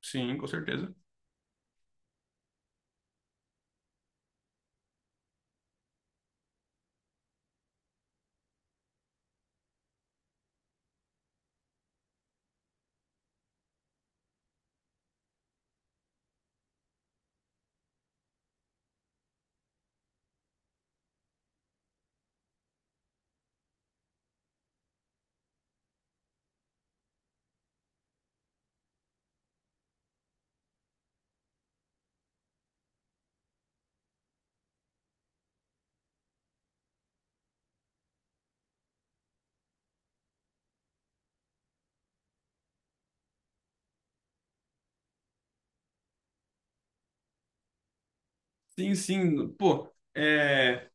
Sim, com certeza. Sim, sim. Pô, é.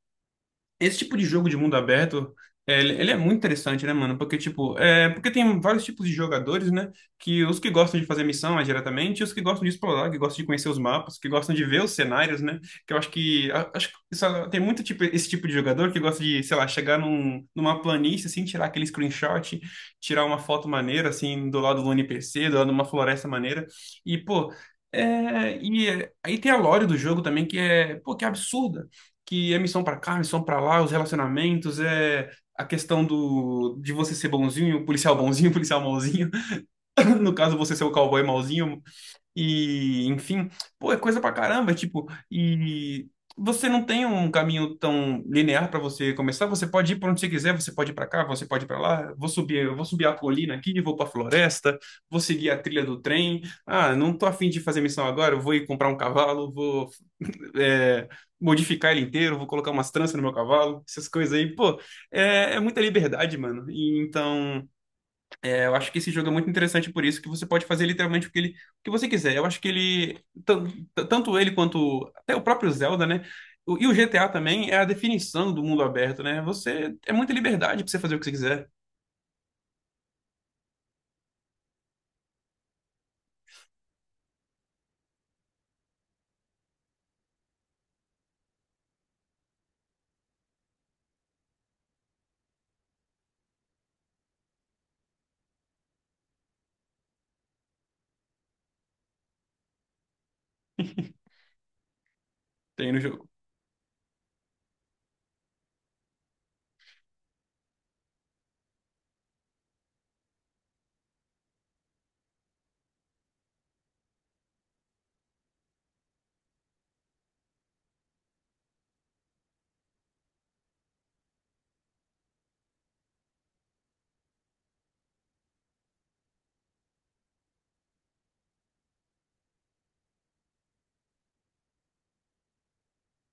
Esse tipo de jogo de mundo aberto, é, ele é muito interessante, né, mano? Porque, tipo, é, porque tem vários tipos de jogadores, né? Que os que gostam de fazer missão mais diretamente, e os que gostam de explorar, que gostam de conhecer os mapas, que gostam de ver os cenários, né? Que eu acho que, acho que tem muito tipo, esse tipo de jogador que gosta de, sei lá, chegar numa planície, assim, tirar aquele screenshot, tirar uma foto maneira, assim, do lado do NPC, do lado de uma floresta maneira. E, pô, aí tem a lore do jogo também, que é, pô, que é absurda, que é missão pra cá, missão pra lá, os relacionamentos, é a questão do de você ser bonzinho, policial mauzinho. No caso, você ser o cowboy mauzinho, e, enfim, pô, é coisa pra caramba, tipo, e você não tem um caminho tão linear pra você começar, você pode ir pra onde você quiser, você pode ir pra cá, você pode ir pra lá, eu vou subir a colina aqui, vou pra floresta, vou seguir a trilha do trem. Ah, não tô afim de fazer missão agora, eu vou ir comprar um cavalo, vou é, modificar ele inteiro, vou colocar umas tranças no meu cavalo, essas coisas aí, pô, é muita liberdade, mano. E então, eu acho que esse jogo é muito interessante por isso, que você pode fazer literalmente o que, ele, o que você quiser. Eu acho que ele, tan- tanto ele quanto até o próprio Zelda, né? E o GTA também é a definição do mundo aberto, né? Você é muita liberdade pra você fazer o que você quiser. Tem no jogo.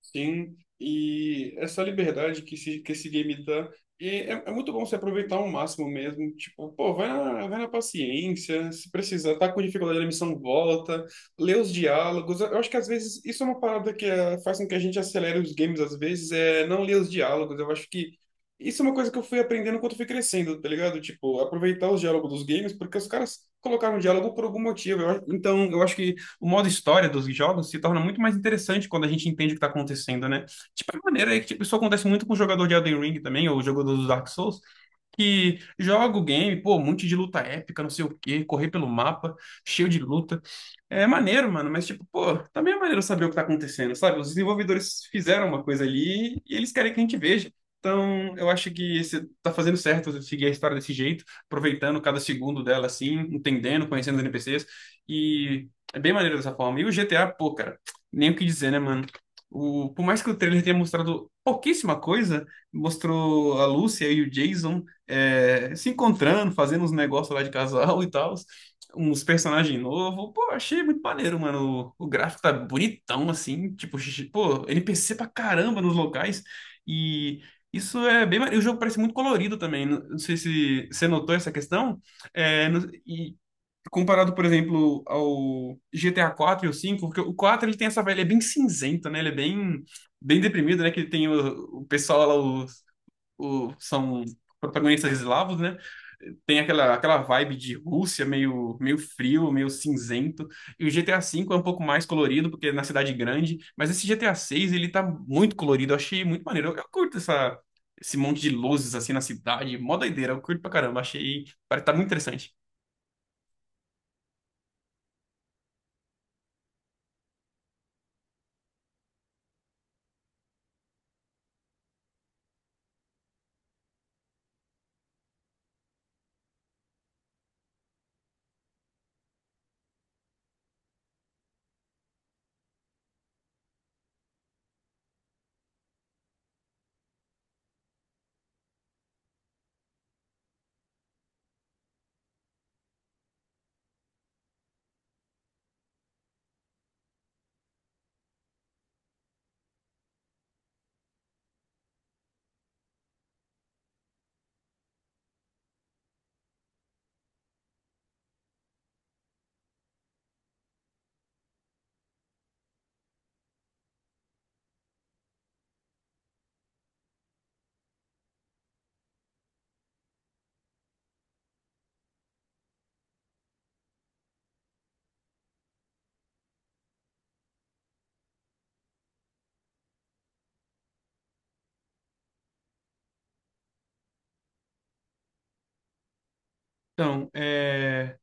Sim, e essa liberdade que esse game dá, e é, é muito bom você aproveitar ao máximo mesmo. Tipo, pô, vai na paciência, se precisar, tá com dificuldade na missão, volta, lê os diálogos. Eu acho que às vezes isso é uma parada faz com que a gente acelere os games, às vezes, é não ler os diálogos. Eu acho que isso é uma coisa que eu fui aprendendo enquanto eu fui crescendo, tá ligado? Tipo, aproveitar os diálogos dos games, porque os caras colocaram diálogo por algum motivo. Eu acho, então, eu acho que o modo história dos jogos se torna muito mais interessante quando a gente entende o que tá acontecendo, né? Tipo, a maneira é que tipo, isso acontece muito com o jogador de Elden Ring também, ou o jogador dos Dark Souls, que joga o game, pô, um monte de luta épica, não sei o quê, correr pelo mapa, cheio de luta. É maneiro, mano, mas tipo, pô, também é maneiro saber o que tá acontecendo, sabe? Os desenvolvedores fizeram uma coisa ali e eles querem que a gente veja. Então, eu acho que você tá fazendo certo você seguir a história desse jeito, aproveitando cada segundo dela assim, entendendo, conhecendo os NPCs, e é bem maneiro dessa forma. E o GTA, pô, cara, nem o que dizer, né, mano? O, por mais que o trailer tenha mostrado pouquíssima coisa, mostrou a Lúcia e o Jason se encontrando, fazendo uns negócios lá de casal e tal, uns personagens novos. Pô, achei muito maneiro, mano. O gráfico tá bonitão, assim. Tipo, pô, NPC pra caramba nos locais. E isso é bem maneiro. O jogo parece muito colorido também. Não sei se você notou essa questão. É, e comparado, por exemplo, ao GTA 4 e o 5, porque o 4 ele tem essa vibe, ele é bem cinzento, né? Ele é bem, bem deprimido, né? Que tem o pessoal lá, são protagonistas eslavos, né? Tem aquela, aquela vibe de Rússia, meio, meio frio, meio cinzento. E o GTA V é um pouco mais colorido, porque é na cidade grande. Mas esse GTA VI, ele tá muito colorido. Eu achei muito maneiro. Eu curto esse monte de luzes, assim, na cidade. Mó doideira. Eu curto pra caramba. Achei, parece tá muito interessante. Então, é...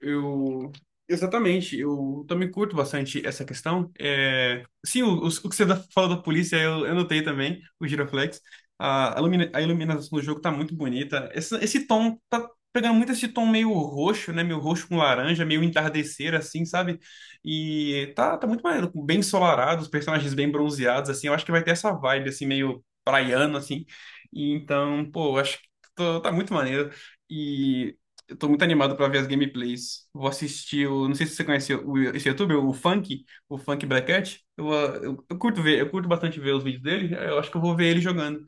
eu. Exatamente, eu também curto bastante essa questão. É, sim, o que você falou da polícia, eu notei também, o Giroflex. A iluminação do jogo tá muito bonita. Esse tom, tá pegando muito esse tom meio roxo, né? Meio roxo com laranja, meio entardecer, assim, sabe? E tá muito maneiro, bem ensolarado, os personagens bem bronzeados, assim. Eu acho que vai ter essa vibe, assim, meio praiano, assim. E então, pô, eu acho que tá muito maneiro. E eu tô muito animado pra ver as gameplays. Vou assistir. O. Não sei se você conhece, esse youtuber, o Funk Bracket. Eu curto ver, eu curto bastante ver os vídeos dele. Eu acho que eu vou ver ele jogando.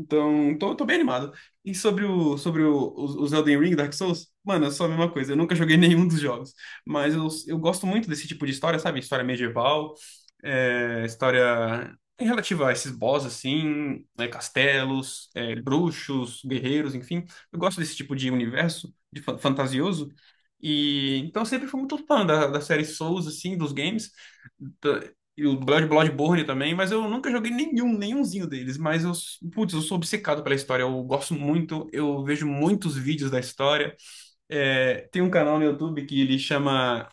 Então, tô bem animado. E sobre os Elden Ring, Dark Souls? Mano, é só a mesma coisa. Eu nunca joguei nenhum dos jogos. Mas eu gosto muito desse tipo de história, sabe? História medieval, é, história relativa a esses boss, assim, né? Castelos, é, bruxos, guerreiros, enfim. Eu gosto desse tipo de universo, de fantasioso. E então eu sempre fui muito fã da série Souls, assim, dos games. E o Bloodborne também, mas eu nunca joguei nenhum, nenhumzinho deles. Mas putz, eu sou obcecado pela história. Eu gosto muito, eu vejo muitos vídeos da história. É, tem um canal no YouTube que ele chama,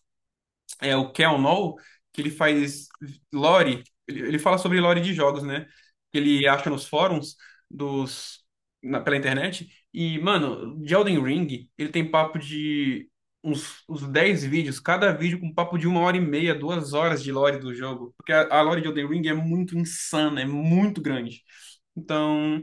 é o Kel Noll, que ele faz lore, ele fala sobre lore de jogos, né? Que ele acha nos fóruns dos pela internet. E, mano, de Elden Ring, ele tem papo de uns 10 vídeos, cada vídeo com papo de 1 hora e meia, 2 horas de lore do jogo. Porque a lore de Elden Ring é muito insana, é muito grande. Então,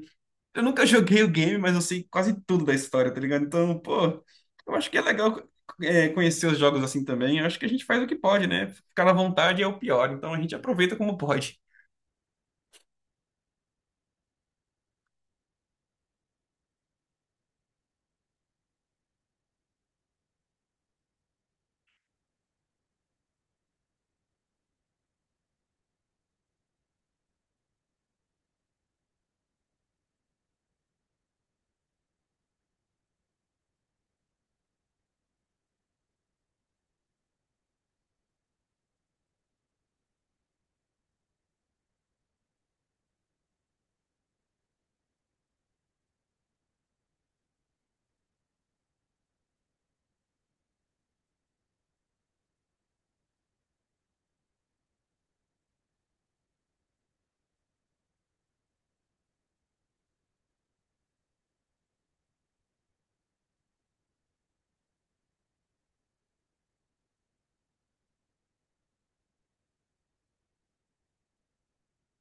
eu nunca joguei o game, mas eu sei quase tudo da história, tá ligado? Então, pô, eu acho que é legal, é, conhecer os jogos assim também. Eu acho que a gente faz o que pode, né? Ficar à vontade é o pior, então a gente aproveita como pode.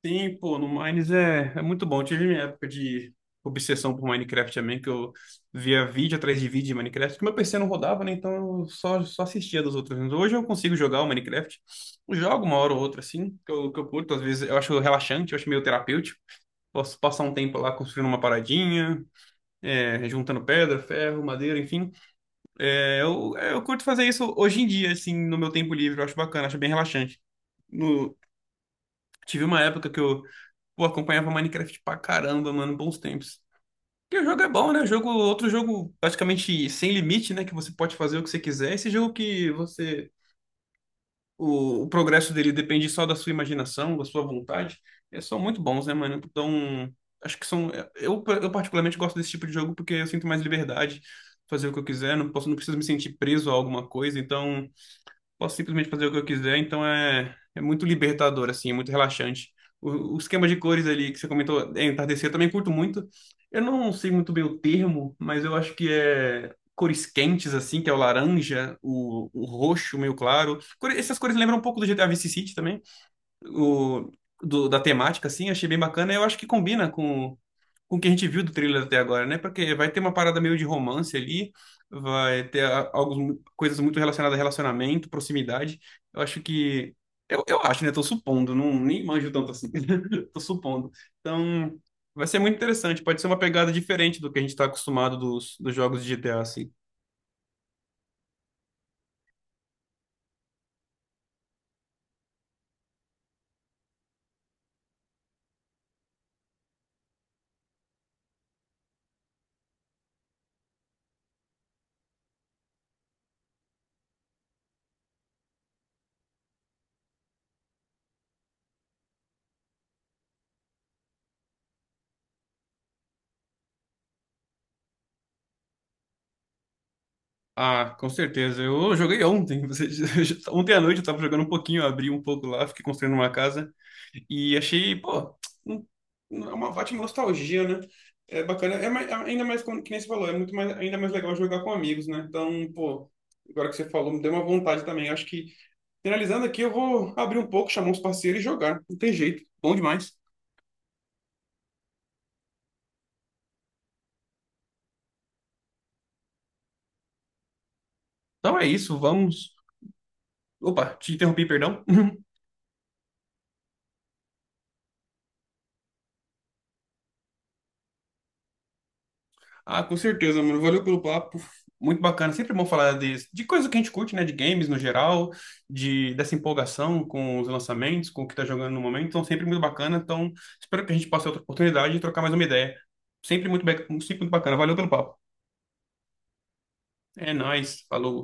Sim, pô, no Mines é, é muito bom. Tive minha época de obsessão por Minecraft também, que eu via vídeo atrás de vídeo de Minecraft, que meu PC não rodava, né? Então eu só assistia dos outros. Hoje eu consigo jogar o Minecraft. Eu jogo uma hora ou outra, assim, que eu curto. Às vezes eu acho relaxante, eu acho meio terapêutico. Posso passar um tempo lá construindo uma paradinha, é, juntando pedra, ferro, madeira, enfim. Eu curto fazer isso hoje em dia, assim, no meu tempo livre. Eu acho bacana, acho bem relaxante. No- Tive uma época que pô, acompanhava Minecraft pra caramba, mano, bons tempos. Porque o jogo é bom, né? O jogo, outro jogo praticamente sem limite, né? Que você pode fazer o que você quiser. Esse jogo que o progresso dele depende só da sua imaginação, da sua vontade. É, são muito bons, né, mano? Então, acho que são. Eu particularmente gosto desse tipo de jogo porque eu sinto mais liberdade, fazer o que eu quiser, não posso, não preciso me sentir preso a alguma coisa. Então, posso simplesmente fazer o que eu quiser, então é, é muito libertador, assim, é muito relaxante. O esquema de cores ali que você comentou, é entardecer, eu também curto muito. Eu não sei muito bem o termo, mas eu acho que é cores quentes, assim, que é o laranja, o roxo meio claro. Essas cores lembram um pouco do GTA Vice City também, o, da temática, assim, achei bem bacana. Eu acho que combina com o que a gente viu do trailer até agora, né? Porque vai ter uma parada meio de romance ali, vai ter algumas coisas muito relacionadas a relacionamento, proximidade. Eu acho que. Eu acho, né? Tô supondo, não, nem manjo tanto assim. Tô supondo. Então, vai ser muito interessante. Pode ser uma pegada diferente do que a gente tá acostumado dos jogos de GTA, assim. Ah, com certeza. Eu joguei ontem. Você. Ontem à noite eu tava jogando um pouquinho, eu abri um pouco lá, fiquei construindo uma casa. E achei, pô, um- é uma ótima nostalgia, né? É bacana. Ainda mais, como, que nem você falou, é muito mais, ainda mais legal jogar com amigos, né? Então, pô, agora que você falou, me deu uma vontade também. Acho que, finalizando aqui, eu vou abrir um pouco, chamar uns parceiros e jogar. Não tem jeito. Bom demais. Então é isso, vamos. Opa, te interrompi, perdão. Ah, com certeza, mano. Valeu pelo papo. Muito bacana. Sempre bom falar de coisa que a gente curte, né? De games no geral, de dessa empolgação com os lançamentos, com o que tá jogando no momento. Então, sempre muito bacana. Então, espero que a gente possa ter outra oportunidade de trocar mais uma ideia. Sempre muito, sempre muito bacana. Valeu pelo papo. É nóis. Falou.